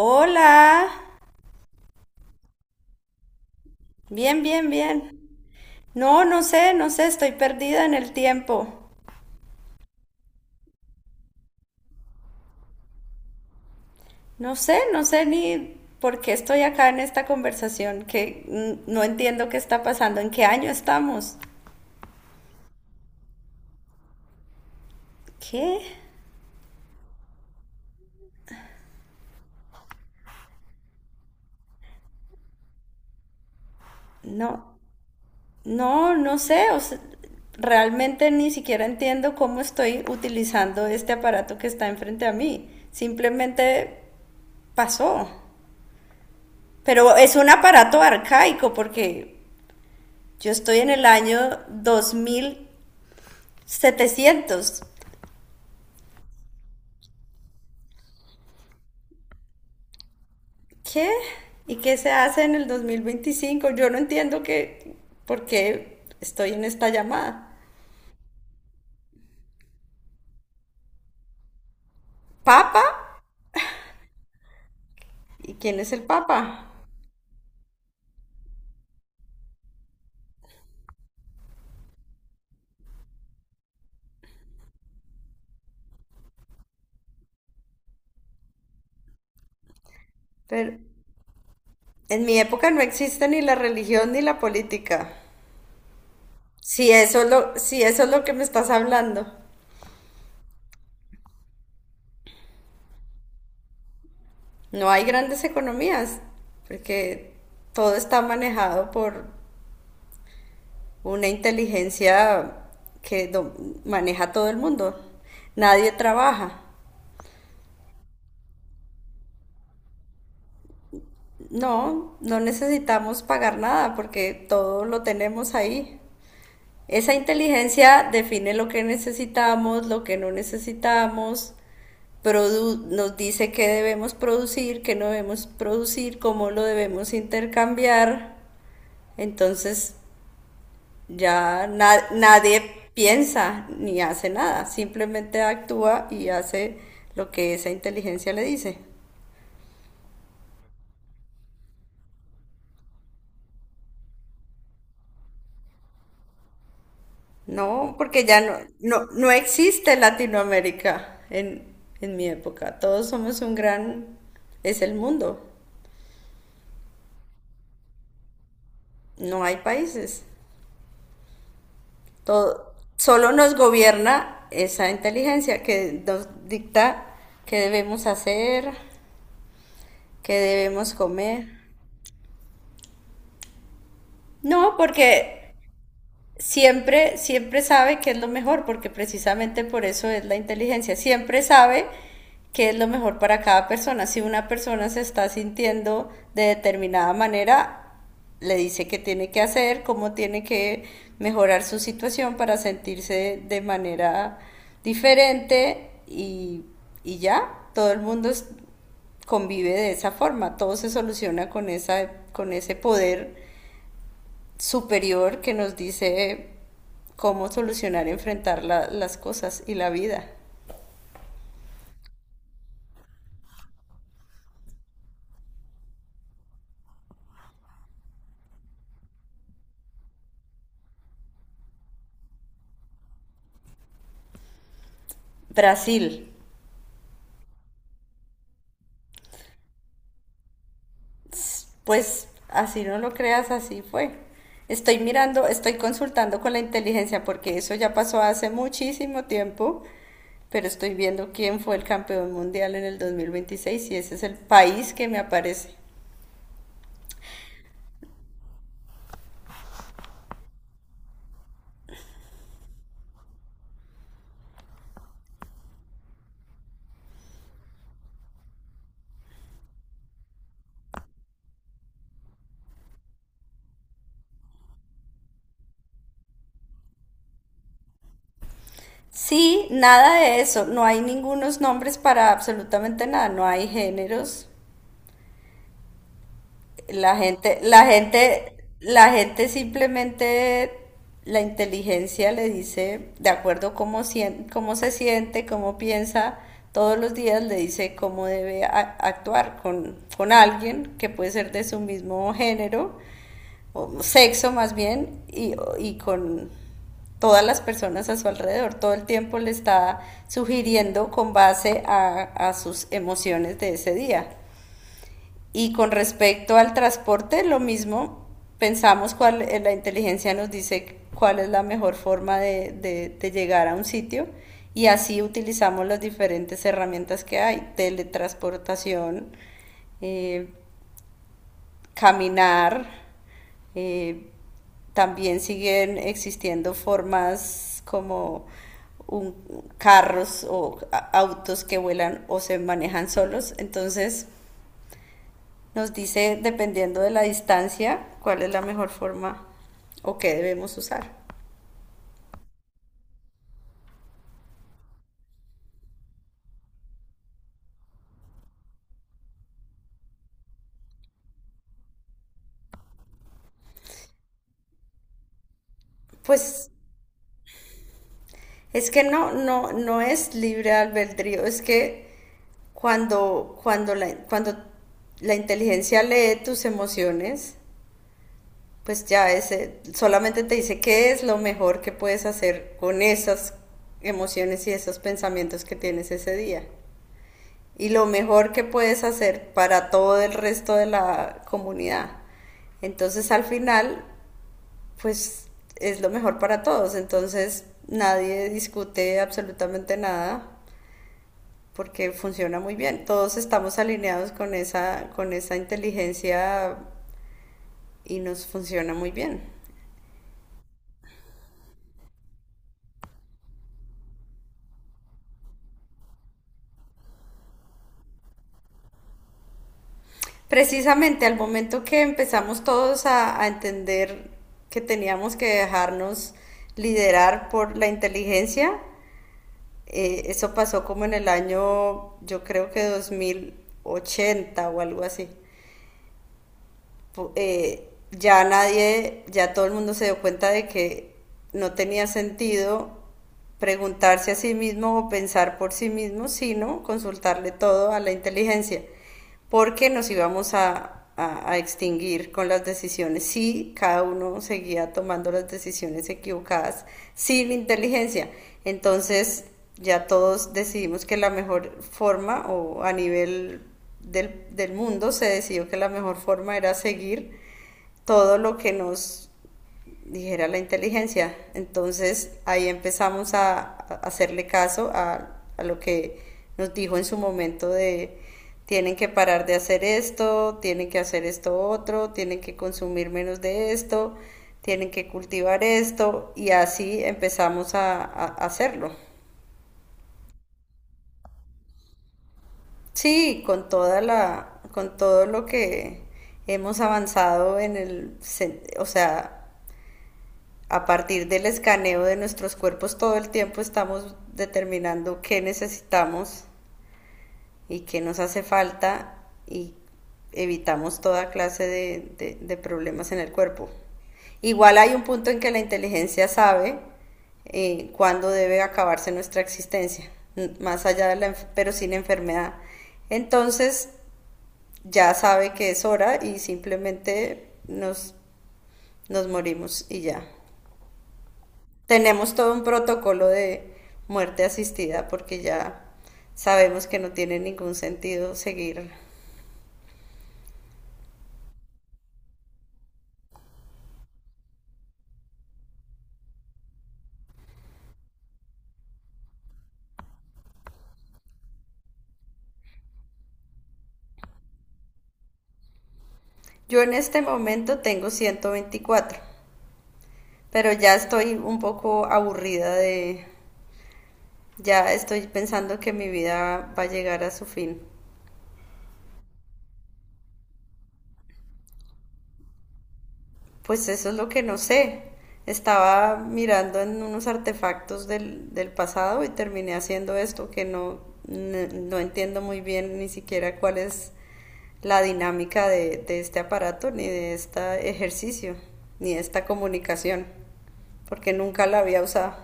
Hola. Bien, bien, bien. No, no sé, no sé, estoy perdida en el tiempo. No sé, no sé ni por qué estoy acá en esta conversación. No entiendo qué está pasando, en qué año estamos. ¿Qué? No, no, no sé, o sea, realmente ni siquiera entiendo cómo estoy utilizando este aparato que está enfrente a mí. Simplemente pasó. Pero es un aparato arcaico porque yo estoy en el año dos mil setecientos. ¿Qué? ¿Y qué se hace en el 2025? Yo no entiendo por qué estoy en esta llamada. ¿Papa? ¿Y quién es el Papa? Pero en mi época no existe ni la religión ni la política. Si eso es lo que me estás hablando. No hay grandes economías, porque todo está manejado por una inteligencia que maneja todo el mundo. Nadie trabaja. No, no necesitamos pagar nada porque todo lo tenemos ahí. Esa inteligencia define lo que necesitamos, lo que no necesitamos, nos dice qué debemos producir, qué no debemos producir, cómo lo debemos intercambiar. Entonces ya nadie piensa ni hace nada, simplemente actúa y hace lo que esa inteligencia le dice. No, porque ya no existe Latinoamérica en mi época. Todos somos un gran… Es el mundo. No hay países. Todo, solo nos gobierna esa inteligencia que nos dicta qué debemos hacer, qué debemos comer. No, porque siempre sabe qué es lo mejor, porque precisamente por eso es la inteligencia, siempre sabe qué es lo mejor para cada persona. Si una persona se está sintiendo de determinada manera, le dice qué tiene que hacer, cómo tiene que mejorar su situación para sentirse de manera diferente y ya, todo el mundo es- convive de esa forma, todo se soluciona con esa, con ese poder superior que nos dice cómo solucionar y enfrentar las cosas y la vida. Brasil, pues así no lo creas, así fue. Estoy mirando, estoy consultando con la inteligencia porque eso ya pasó hace muchísimo tiempo, pero estoy viendo quién fue el campeón mundial en el 2026 y ese es el país que me aparece. Sí, nada de eso, no hay ningunos nombres para absolutamente nada, no hay géneros. La gente, la gente, la gente simplemente, la inteligencia le dice, de acuerdo cómo, cómo se siente, cómo piensa, todos los días le dice cómo debe actuar con alguien que puede ser de su mismo género, o sexo más bien, y con todas las personas a su alrededor. Todo el tiempo le está sugiriendo con base a sus emociones de ese día. Y con respecto al transporte, lo mismo, pensamos cuál, la inteligencia nos dice cuál es la mejor forma de, de llegar a un sitio y así utilizamos las diferentes herramientas que hay: teletransportación, eh, caminar, eh, también siguen existiendo formas como un- carros o autos que vuelan o se manejan solos. Entonces, nos dice, dependiendo de la distancia, cuál es la mejor forma o qué debemos usar. Pues es que no es libre albedrío, es que cuando la inteligencia lee tus emociones, pues ya ese, solamente te dice qué es lo mejor que puedes hacer con esas emociones y esos pensamientos que tienes ese día, y lo mejor que puedes hacer para todo el resto de la comunidad. Entonces al final, pues es lo mejor para todos. Entonces nadie discute absolutamente nada porque funciona muy bien. Todos estamos alineados con con esa inteligencia y nos funciona muy bien. Precisamente al momento que empezamos todos a entender que teníamos que dejarnos liderar por la inteligencia, eso pasó como en el año, yo creo que 2080 o algo así. Ya nadie, ya todo el mundo se dio cuenta de que no tenía sentido preguntarse a sí mismo o pensar por sí mismo, sino consultarle todo a la inteligencia porque nos íbamos a extinguir con las decisiones si cada uno seguía tomando las decisiones equivocadas sin inteligencia. Entonces ya todos decidimos que la mejor forma o a nivel del, del mundo se decidió que la mejor forma era seguir todo lo que nos dijera la inteligencia. Entonces ahí empezamos a hacerle caso lo que nos dijo en su momento de: tienen que parar de hacer esto, tienen que hacer esto otro, tienen que consumir menos de esto, tienen que cultivar esto, y así empezamos a hacerlo. Sí, con con todo lo que hemos avanzado en el, o sea, a partir del escaneo de nuestros cuerpos todo el tiempo estamos determinando qué necesitamos y qué nos hace falta, y evitamos toda clase de problemas en el cuerpo. Igual hay un punto en que la inteligencia sabe cuándo debe acabarse nuestra existencia, más allá de la, pero sin enfermedad. Entonces ya sabe que es hora y simplemente nos morimos y ya. Tenemos todo un protocolo de muerte asistida porque ya sabemos que no tiene ningún sentido seguir. Yo en este momento tengo 124, pero ya estoy un poco aburrida de, ya estoy pensando que mi vida va a llegar a su fin. Pues eso es lo que no sé. Estaba mirando en unos artefactos del, del pasado y terminé haciendo esto que no entiendo muy bien ni siquiera cuál es la dinámica de este aparato, ni de este ejercicio, ni de esta comunicación, porque nunca la había usado.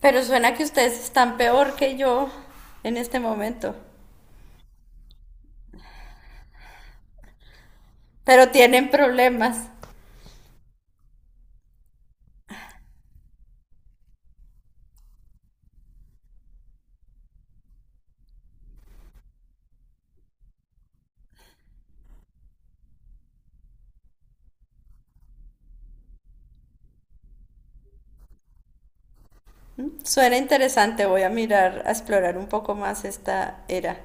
Pero suena que ustedes están peor que yo en este momento, pero tienen problemas. Suena interesante, voy a mirar, a explorar un poco más esta era.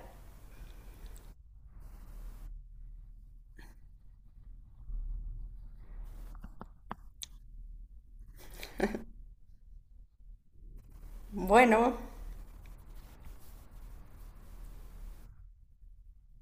Bueno,